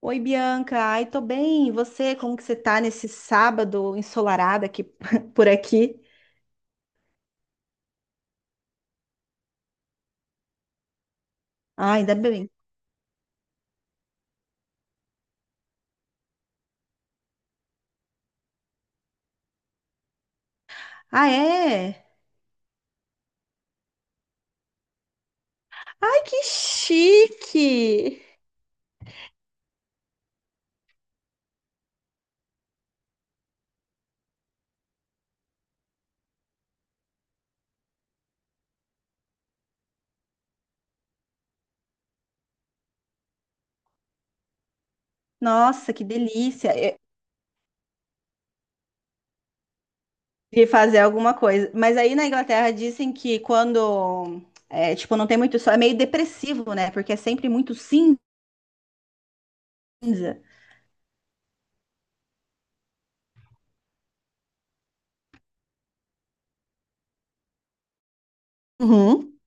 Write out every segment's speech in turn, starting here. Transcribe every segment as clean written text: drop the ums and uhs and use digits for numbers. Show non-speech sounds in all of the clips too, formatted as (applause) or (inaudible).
Oi, Bianca. Ai, tô bem. E você, como que você tá nesse sábado ensolarado aqui (laughs) por aqui? Ah, ainda bem. Ah, é? Ai, que chique! Nossa, que delícia! Eu queria fazer alguma coisa. Mas aí na Inglaterra dizem que quando, é, tipo, não tem muito sol, é meio depressivo, né? Porque é sempre muito cinza. Uhum.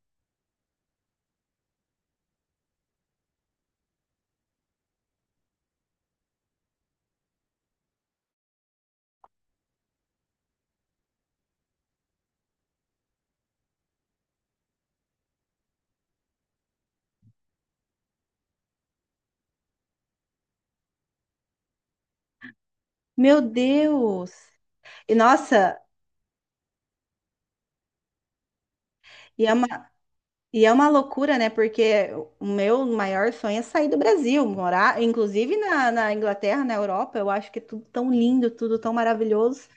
Meu Deus! E nossa, e é uma E é uma loucura, né? Porque o meu maior sonho é sair do Brasil, morar, inclusive na Inglaterra, na Europa. Eu acho que é tudo tão lindo, tudo tão maravilhoso.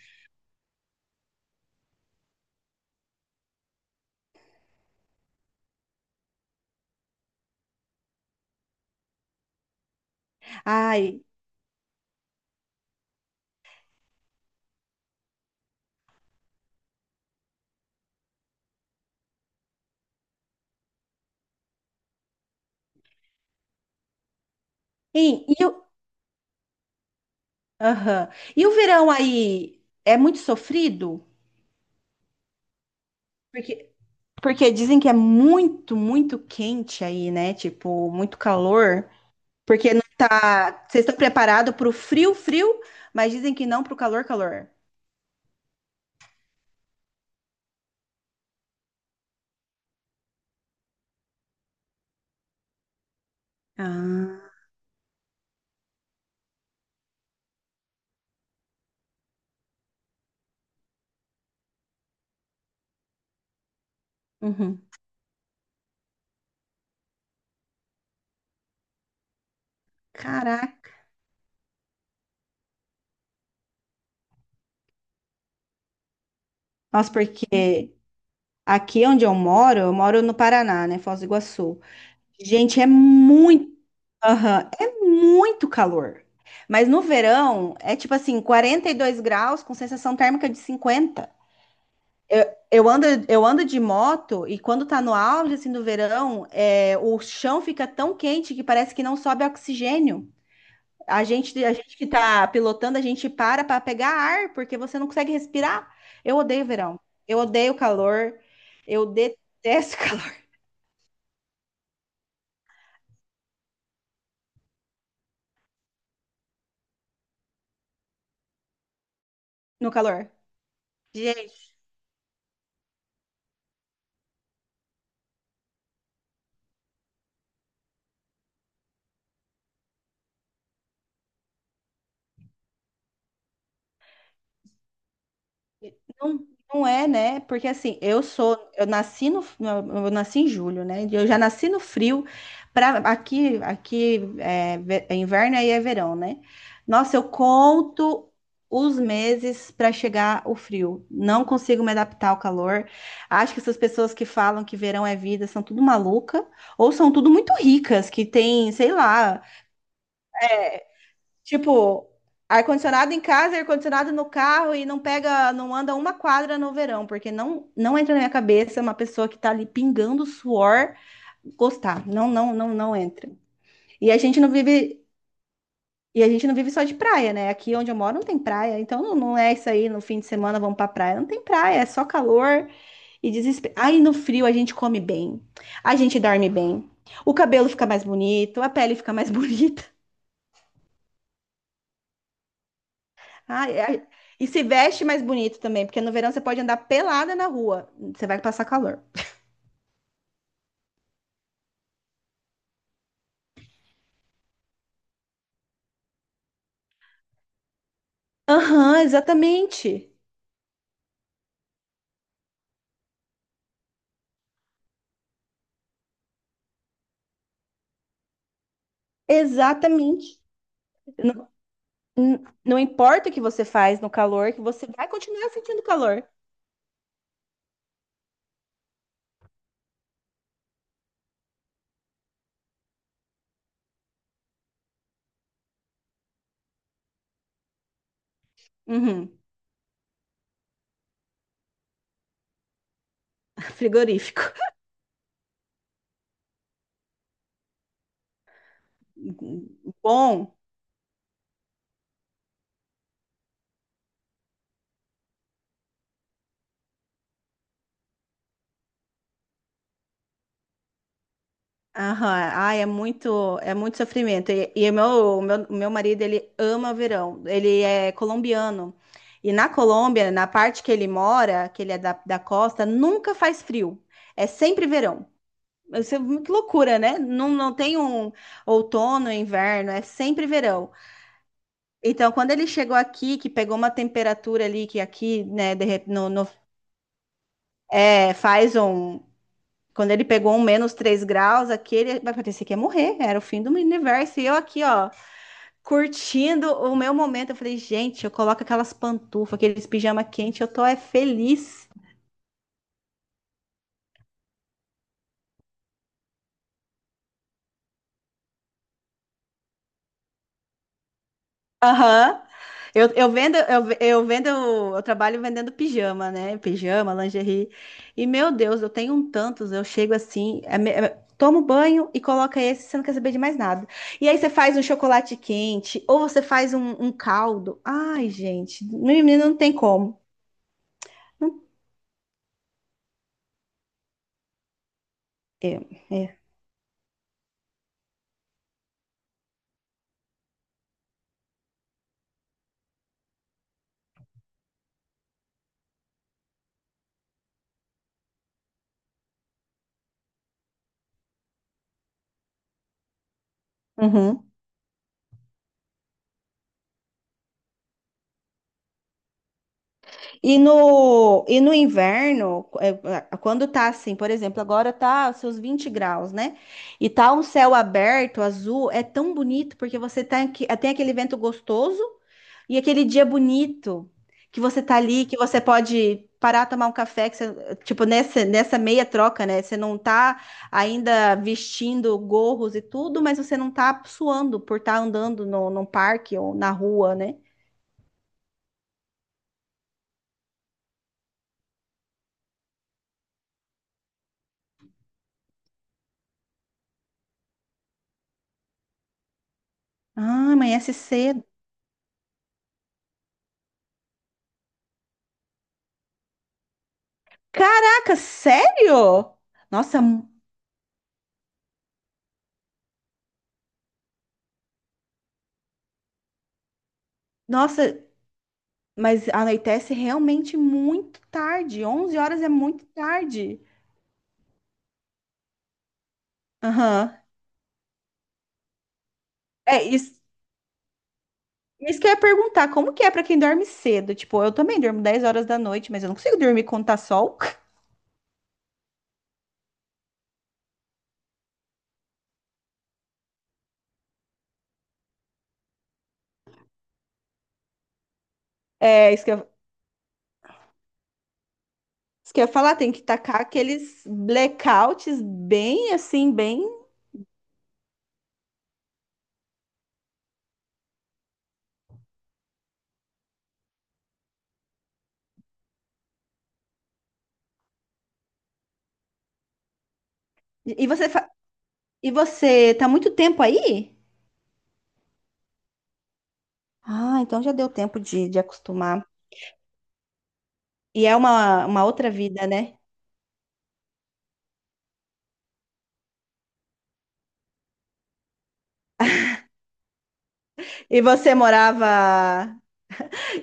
Ai, hein, e, o, aham. E o verão aí é muito sofrido? Porque, porque dizem que é muito, muito quente aí, né? Tipo, muito calor. Porque não tá. Vocês estão preparados para o frio, frio, mas dizem que não para o calor, calor. Ah, uhum. Caraca. Nossa, porque aqui onde eu moro no Paraná, né? Foz do Iguaçu. Gente, é muito, aham, é muito calor. Mas no verão é tipo assim, 42 graus com sensação térmica de 50. Eu, eu ando, eu ando de moto e quando tá no auge assim do verão, é, o chão fica tão quente que parece que não sobe oxigênio. A gente que tá pilotando, a gente para para pegar ar porque você não consegue respirar. Eu odeio verão. Eu odeio calor. Eu detesto (laughs) no calor. Gente, não, não é, né? Porque assim, eu sou, eu nasci no, eu nasci em julho, né? Eu já nasci no frio. Pra, aqui, aqui é, é inverno aí é verão, né? Nossa, eu conto os meses para chegar o frio. Não consigo me adaptar ao calor. Acho que essas pessoas que falam que verão é vida são tudo maluca ou são tudo muito ricas que tem, sei lá. É, tipo, ar-condicionado em casa, ar-condicionado no carro e não pega, não anda uma quadra no verão, porque não, não entra na minha cabeça uma pessoa que tá ali pingando suor gostar. Não, não, não, não entra. E a gente não vive, e a gente não vive só de praia, né? Aqui onde eu moro não tem praia, então não, não é isso aí, no fim de semana vamos pra praia. Não tem praia, é só calor e desespero. Aí no frio a gente come bem, a gente dorme bem. O cabelo fica mais bonito, a pele fica mais (laughs) bonita. Ah, e se veste mais bonito também, porque no verão você pode andar pelada na rua, você vai passar calor. Aham, exatamente. Exatamente. Não, não importa o que você faz no calor, que você vai continuar sentindo calor. Uhum. (laughs) Frigorífico. Bom. Aham, ai, é muito sofrimento. E o meu, o meu, o meu marido, ele ama o verão. Ele é colombiano. E na Colômbia, na parte que ele mora, que ele é da costa, nunca faz frio. É sempre verão. Que loucura, né? Não, não tem um outono, inverno, é sempre verão. Então, quando ele chegou aqui, que pegou uma temperatura ali, que aqui, né, no. É, faz um, quando ele pegou um -3 graus, aqui ele vai parecer que ia morrer, era o fim do universo. E eu aqui, ó, curtindo o meu momento. Eu falei, gente, eu coloco aquelas pantufas, aqueles pijama quente, eu tô é feliz. Aham. Eu vendo, eu, eu vendo, eu trabalho vendendo pijama, né? Pijama, lingerie. E meu Deus, eu tenho um tantos, eu chego assim, tomo banho e coloca esse, você não quer saber de mais nada. E aí você faz um chocolate quente, ou você faz um, um caldo. Ai, gente, menino, não tem como. É, é. Uhum. E no inverno, é, é, quando tá assim, por exemplo, agora tá seus 20 graus, né? E tá um céu aberto, azul, é tão bonito porque você tá, tem aquele vento gostoso e aquele dia bonito que você tá ali, que você pode parar, tomar um café, tipo, nessa, nessa meia troca, né? Você não tá ainda vestindo gorros e tudo, mas você não tá suando por estar andando no, num parque ou na rua, né? Ah, amanhece cedo. Caraca, sério? Nossa, nossa, mas anoitece realmente muito tarde. 11 horas é muito tarde. Aham. É isso que eu ia perguntar, como que é pra quem dorme cedo? Tipo, eu também durmo 10 horas da noite, mas eu não consigo dormir quando tá sol. (laughs) É, isso que eu ia falar, tem que tacar aqueles blackouts bem assim, bem. E você, e você tá muito tempo aí? Ah, então já deu tempo de acostumar. E é uma outra vida, né? E você morava.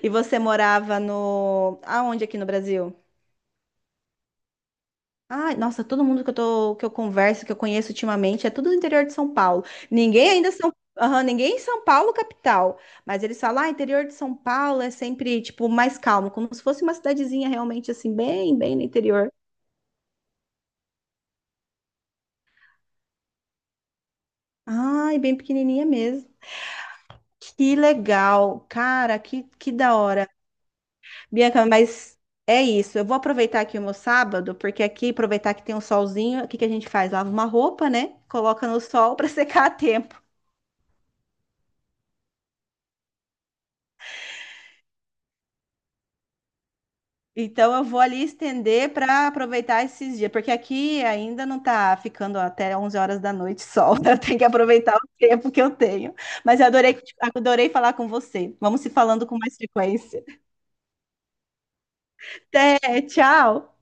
E você morava no. Aonde aqui no Brasil? Ai, nossa, todo mundo que eu tô, que eu converso, que eu conheço ultimamente, é tudo do interior de São Paulo. Ninguém ainda São, aham, ninguém em São Paulo capital, mas eles falam, ah, interior de São Paulo é sempre tipo mais calmo, como se fosse uma cidadezinha realmente assim, bem, bem no interior. Ai, bem pequenininha mesmo. Que legal, cara, que da hora. Bianca, mas é isso. Eu vou aproveitar aqui o meu sábado, porque aqui, aproveitar que tem um solzinho, o que que a gente faz? Lava uma roupa, né? Coloca no sol para (laughs) secar a tempo. Então eu vou ali estender para aproveitar esses dias, porque aqui ainda não tá ficando até 11 horas da noite sol. (laughs) Eu tenho que aproveitar o tempo que eu tenho. Mas eu adorei, adorei falar com você. Vamos se falando com mais frequência. Até, tchau.